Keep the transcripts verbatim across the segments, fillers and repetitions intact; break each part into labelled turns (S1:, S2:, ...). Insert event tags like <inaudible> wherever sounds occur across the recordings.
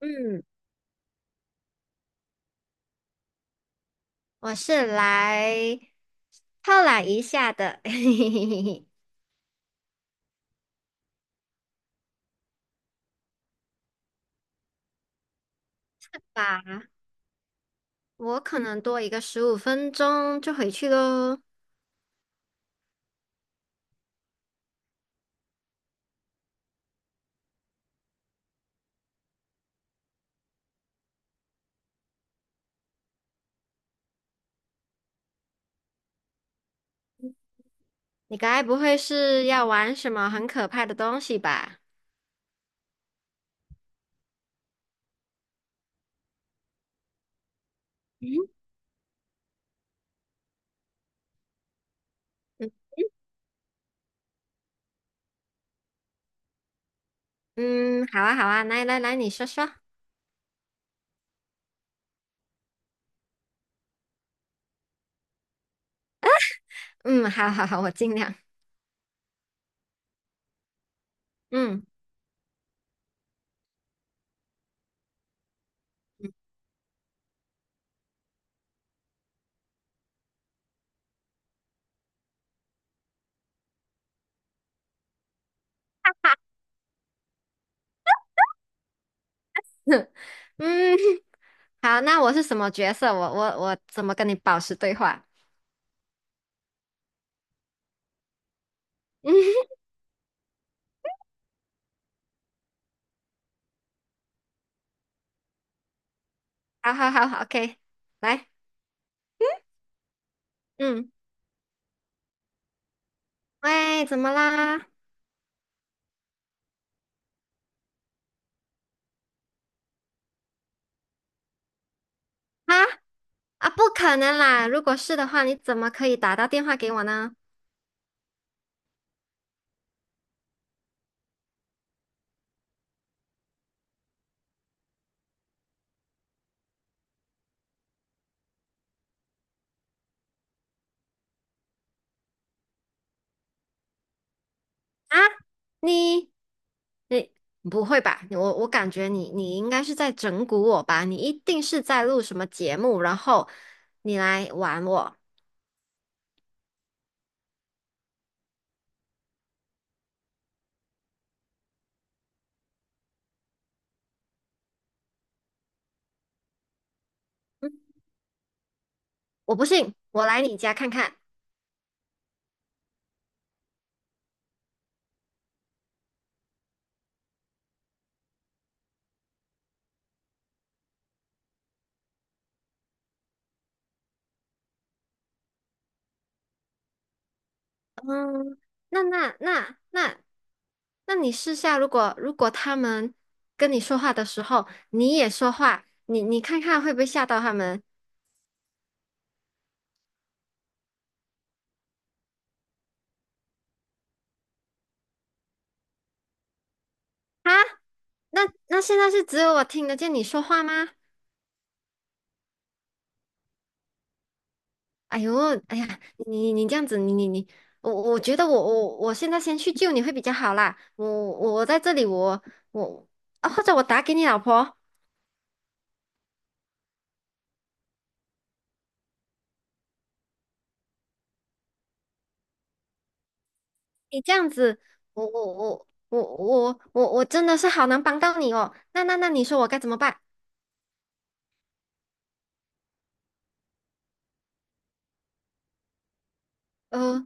S1: 嗯，我是来犒懒一下的，<laughs> 嘿嘿嘿嘿嘿。吧，我可能多一个十五分钟就回去喽。你该不会是要玩什么很可怕的东西吧？嗯嗯嗯，好啊好啊，来来来，你说说。嗯，好好好，我尽量。嗯 <laughs> 嗯，好，那我是什么角色？我我我怎么跟你保持对话？<laughs> 嗯，好好好好，OK，来，嗯，喂，怎么啦？啊啊，不可能啦！如果是的话，你怎么可以打到电话给我呢？啊，你你不会吧？你我我感觉你你应该是在整蛊我吧？你一定是在录什么节目，然后你来玩我。我不信，我来你家看看。嗯，那那那那那你试下，如果如果他们跟你说话的时候，你也说话，你你看看会不会吓到他们？啊，那那现在是只有我听得见你说话吗？哎呦，哎呀，你你这样子，你你你，我我觉得我我我现在先去救你会比较好啦。我我我在这里，我我啊，或者我打给你老婆，你这样子，我我我我我我我真的是好难帮到你哦。那那那你说我该怎么办？呃，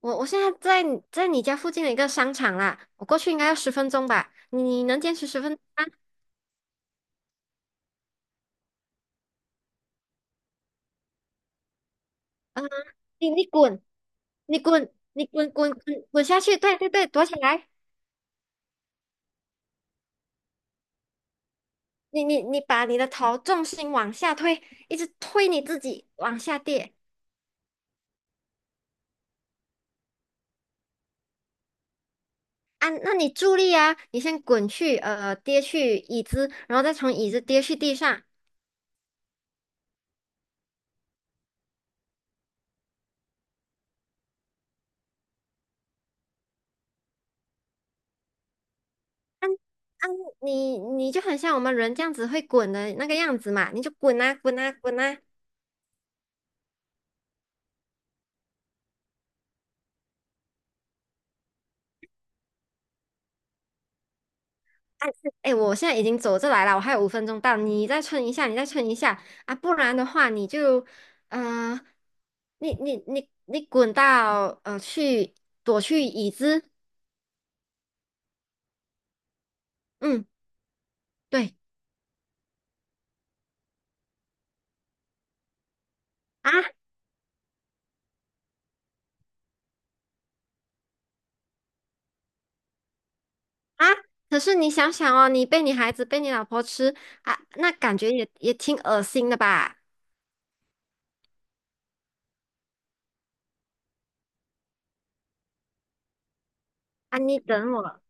S1: 我我现在在你在你家附近的一个商场啦，我过去应该要十分钟吧？你你能坚持十分钟吗？呃你你滚，你滚，你滚滚滚滚下去！对对对，躲起来！你你你把你的头重心往下推，一直推你自己往下跌啊！那你助力啊，你先滚去呃跌去椅子，然后再从椅子跌去地上啊！你你就很像我们人这样子会滚的那个样子嘛，你就滚啊滚啊滚啊！哎，我现在已经走这来了，我还有五分钟到，你再撑一下，你再撑一下啊，不然的话你就，嗯，你你你你滚到呃去躲去椅子，嗯，对啊啊，可是你想想哦，你被你孩子被你老婆吃啊，那感觉也也挺恶心的吧？啊，你等我，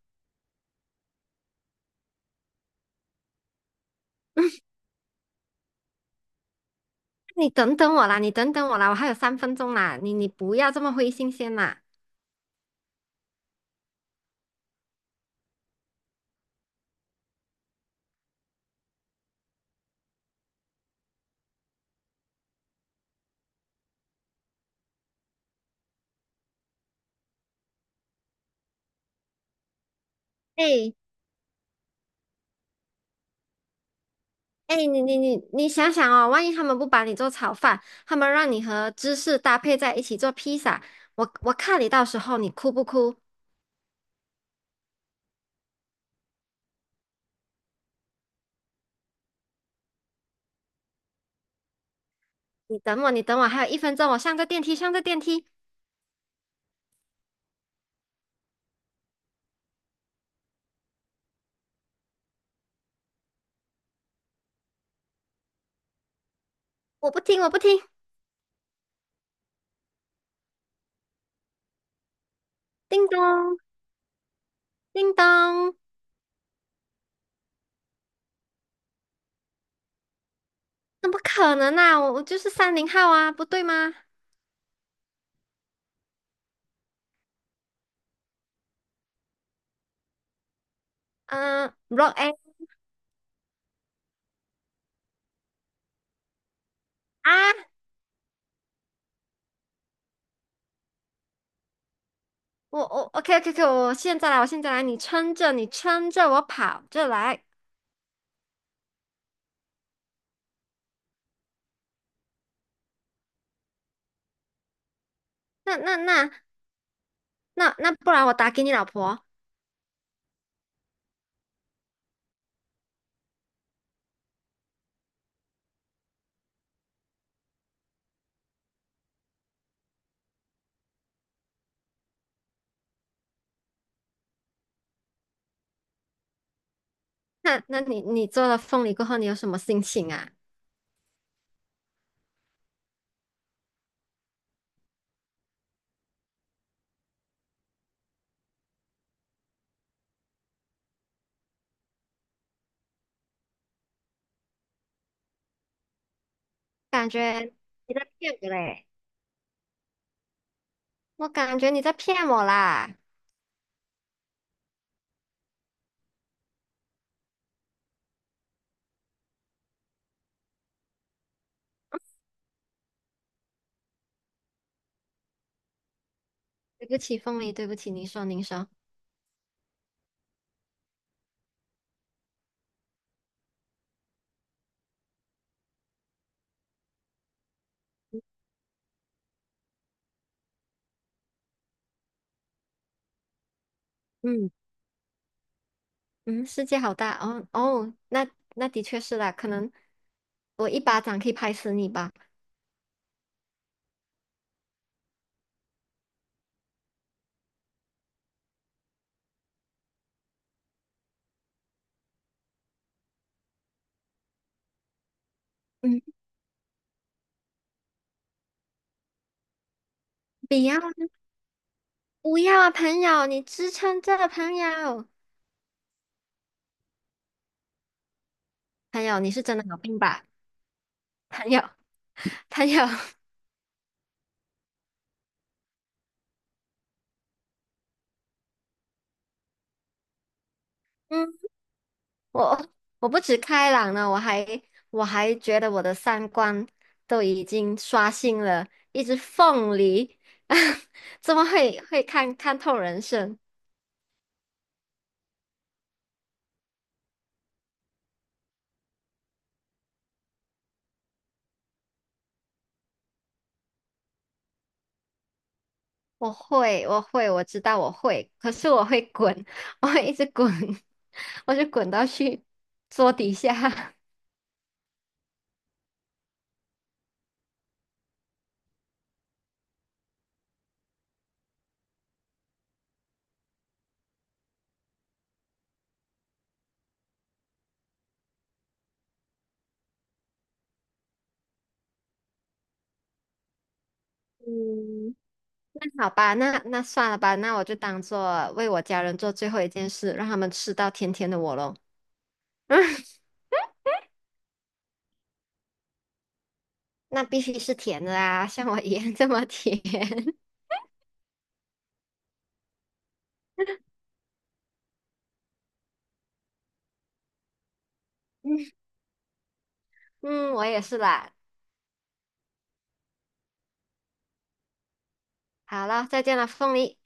S1: 你等等我啦，你等等我啦，我还有三分钟啦，你你不要这么灰心先啦，哎。哎，你你你你想想哦，万一他们不把你做炒饭，他们让你和芝士搭配在一起做披萨，我我看你到时候你哭不哭？你等我，你等我，还有一分钟，我上个电梯，上个电梯，我不听，我不听，叮咚，叮咚，怎么可能啊？我我就是三零号啊，不对吗？嗯，Block A 啊，我我 OK OK OK，我现在来，我现在来，你撑着，你撑着，我跑着来，那那那那那，不然我打给你老婆。那那你你做了凤梨过后，你有什么心情啊？感觉你在骗我嘞！我感觉你在骗我啦！对不起，凤梨，对不起，您说您说，嗯嗯，世界好大哦哦，那那的确是啦，可能我一巴掌可以拍死你吧。嗯，不要啊不要啊，朋友，你支撑着，朋友，朋友，你是真的有病吧？朋友，朋友，<laughs> 嗯，我我不止开朗了，我还我还觉得我的三观都已经刷新了，一只凤梨，<laughs> 怎么会会看看透人生？我会，我会，我知道我会，可是我会滚，<laughs> 我会一直滚，<laughs> 我就滚到去桌底下。<laughs> 嗯，那好吧，那那算了吧，那我就当做为我家人做最后一件事，让他们吃到甜甜的我喽。<laughs> 那必须是甜的啊，像我一样这么甜。<laughs> 嗯，我也是啦。好了，再见了，凤梨。